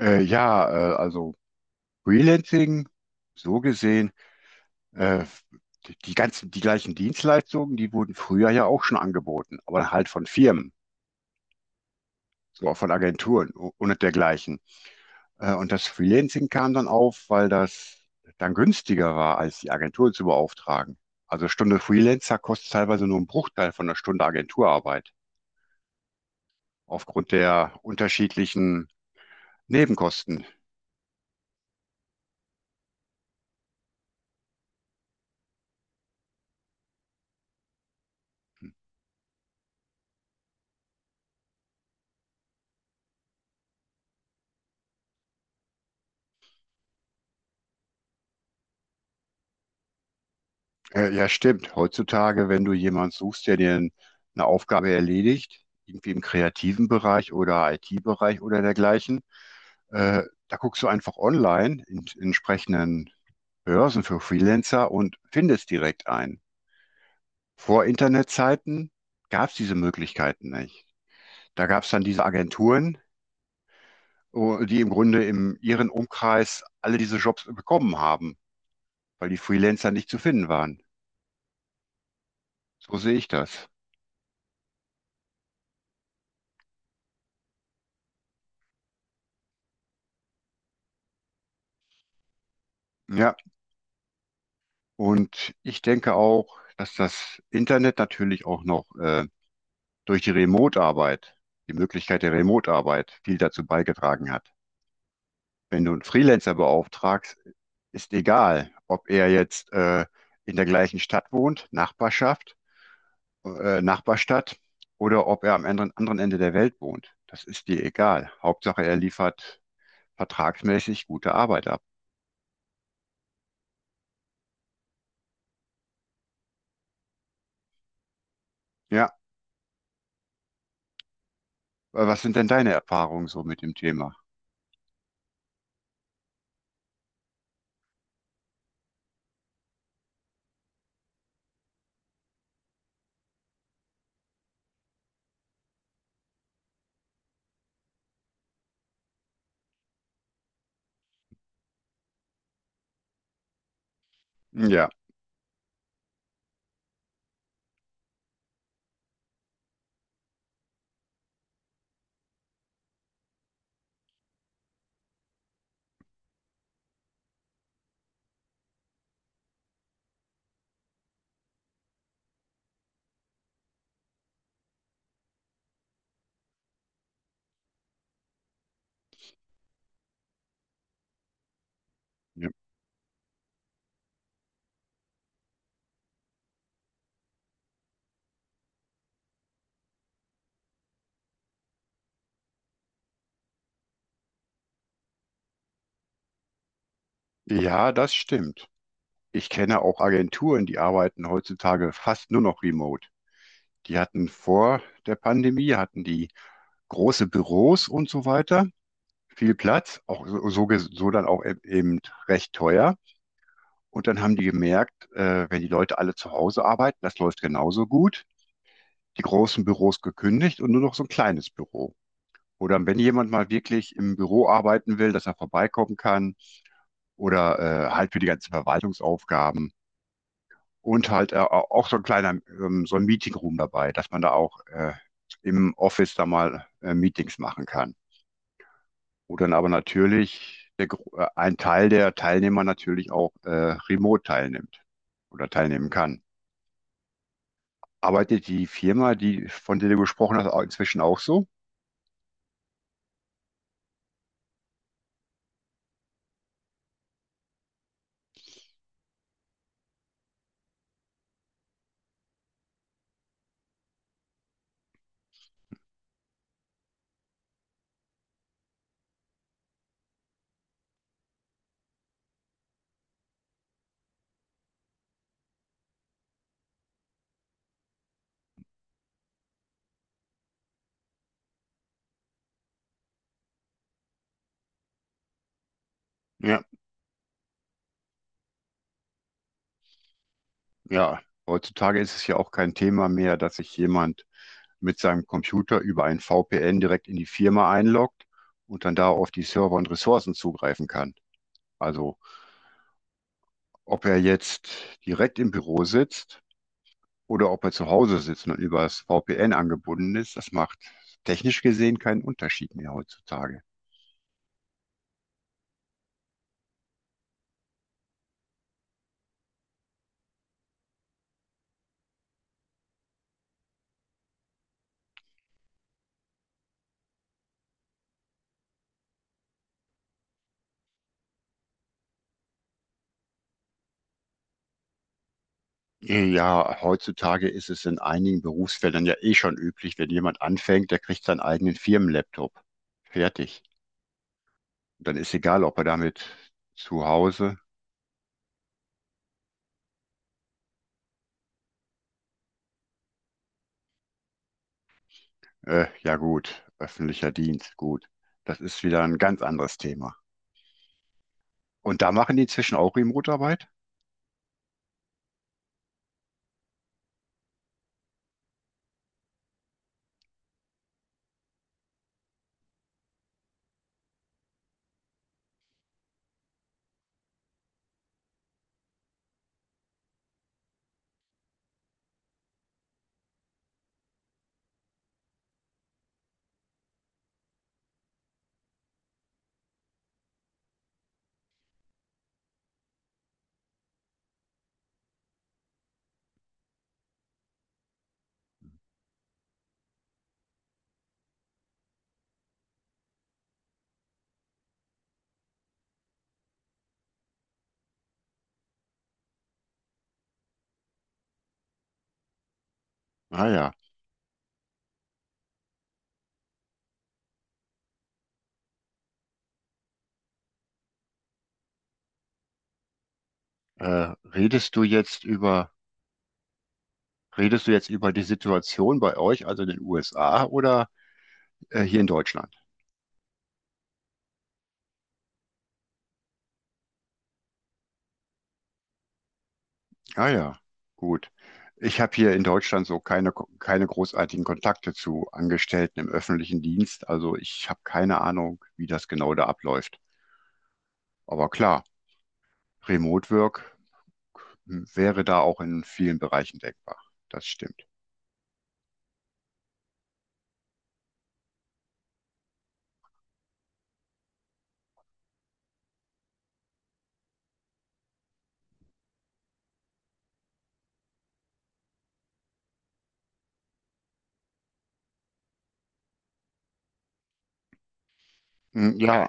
Ja, also Freelancing, so gesehen, äh, die gleichen Dienstleistungen, die wurden früher ja auch schon angeboten, aber halt von Firmen, so auch von Agenturen und dergleichen. Und das Freelancing kam dann auf, weil das dann günstiger war, als die Agentur zu beauftragen. Also Stunde Freelancer kostet teilweise nur einen Bruchteil von einer Stunde Agenturarbeit, aufgrund der unterschiedlichen Nebenkosten. Ja, stimmt. Heutzutage, wenn du jemanden suchst, der dir eine Aufgabe erledigt, irgendwie im kreativen Bereich oder IT-Bereich oder dergleichen, äh, da guckst du einfach online in entsprechenden Börsen für Freelancer und findest direkt einen. Vor Internetzeiten gab es diese Möglichkeiten nicht. Da gab es dann diese Agenturen, oh, die im Grunde in ihren Umkreis alle diese Jobs bekommen haben, weil die Freelancer nicht zu finden waren. So sehe ich das. Ja. Und ich denke auch, dass das Internet natürlich auch noch durch die Remote-Arbeit, die Möglichkeit der Remote-Arbeit viel dazu beigetragen hat. Wenn du einen Freelancer beauftragst, ist egal, ob er jetzt in der gleichen Stadt wohnt, Nachbarschaft, Nachbarstadt, oder ob er am anderen Ende der Welt wohnt. Das ist dir egal. Hauptsache, er liefert vertragsmäßig gute Arbeit ab. Ja, was sind denn deine Erfahrungen so mit dem Thema? Ja, ja, ja, das stimmt. Ich kenne auch Agenturen, die arbeiten heutzutage fast nur noch remote. Die hatten vor der Pandemie, hatten die große Büros und so weiter, viel Platz, auch so dann auch eben recht teuer. Und dann haben die gemerkt, wenn die Leute alle zu Hause arbeiten, das läuft genauso gut. Die großen Büros gekündigt und nur noch so ein kleines Büro. Oder wenn jemand mal wirklich im Büro arbeiten will, dass er vorbeikommen kann oder halt für die ganzen Verwaltungsaufgaben und halt auch so ein kleiner, so ein Meeting Room dabei, dass man da auch im Office da mal Meetings machen kann. Wo dann aber natürlich ein Teil der Teilnehmer natürlich auch remote teilnimmt oder teilnehmen kann. Arbeitet die Firma, die, von der du gesprochen hast, auch inzwischen auch so? Ja, ja. Heutzutage ist es ja auch kein Thema mehr, dass sich jemand mit seinem Computer über ein VPN direkt in die Firma einloggt und dann da auf die Server und Ressourcen zugreifen kann. Also ob er jetzt direkt im Büro sitzt oder ob er zu Hause sitzt und übers VPN angebunden ist, das macht technisch gesehen keinen Unterschied mehr heutzutage. Ja, heutzutage ist es in einigen Berufsfeldern ja eh schon üblich, wenn jemand anfängt, der kriegt seinen eigenen Firmenlaptop. Fertig. Dann ist egal, ob er damit zu Hause, ja gut, öffentlicher Dienst, gut. Das ist wieder ein ganz anderes Thema. Und da machen die inzwischen auch Remote-Arbeit? Naja, äh, redest du jetzt über Redest du jetzt über die Situation bei euch, also in den USA oder hier in Deutschland? Ah ja, gut. Ich habe hier in Deutschland so keine großartigen Kontakte zu Angestellten im öffentlichen Dienst. Also ich habe keine Ahnung, wie das genau da abläuft. Aber klar, Remote Work hm, wäre da auch in vielen Bereichen denkbar. Das stimmt. Hm, ja,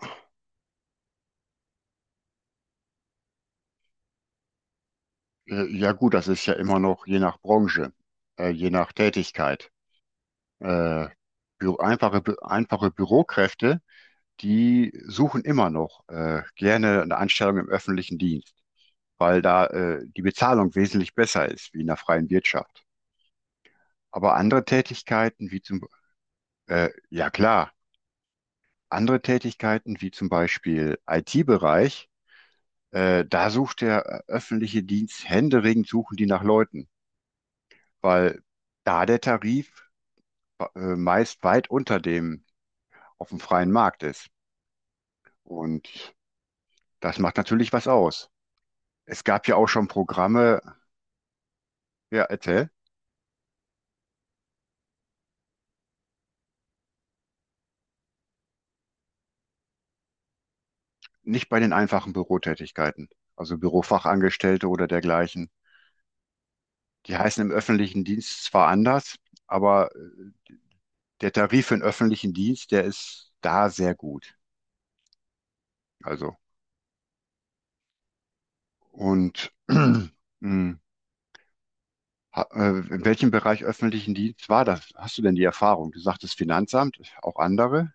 ja gut, das ist ja immer noch je nach Branche, je nach Tätigkeit. Äh, bü Einfache, bü einfache Bürokräfte, die suchen immer noch gerne eine Anstellung im öffentlichen Dienst, weil da die Bezahlung wesentlich besser ist wie in der freien Wirtschaft. Aber andere Tätigkeiten, ja klar, andere Tätigkeiten wie zum Beispiel IT-Bereich, da sucht der öffentliche Dienst händeringend suchen die nach Leuten, weil da der Tarif meist weit unter dem auf dem freien Markt ist. Und das macht natürlich was aus. Es gab ja auch schon Programme, ja, erzähl. Nicht bei den einfachen Bürotätigkeiten, also Bürofachangestellte oder dergleichen. Die heißen im öffentlichen Dienst zwar anders, aber der Tarif für den öffentlichen Dienst, der ist da sehr gut. Also, und in welchem Bereich öffentlichen Dienst war das? Hast du denn die Erfahrung? Du sagtest Finanzamt, auch andere?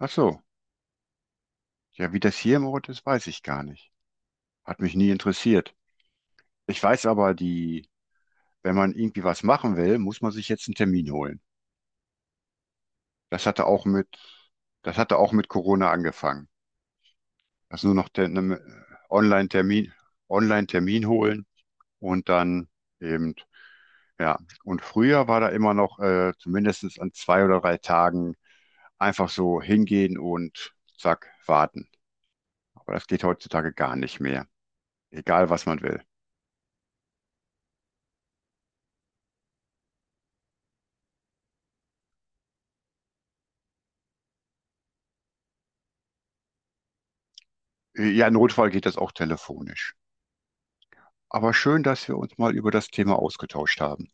Ach so. Ja, wie das hier im Ort ist, weiß ich gar nicht. Hat mich nie interessiert. Ich weiß aber, die, wenn man irgendwie was machen will, muss man sich jetzt einen Termin holen. Das hatte auch mit, das hatte auch mit Corona angefangen. Also nur noch der, ne, Online-Termin, Online-Termin holen und dann eben, ja. Und früher war da immer noch zumindest an zwei oder drei Tagen einfach so hingehen und zack, warten. Aber das geht heutzutage gar nicht mehr. Egal, was man will. Ja, im Notfall geht das auch telefonisch. Aber schön, dass wir uns mal über das Thema ausgetauscht haben.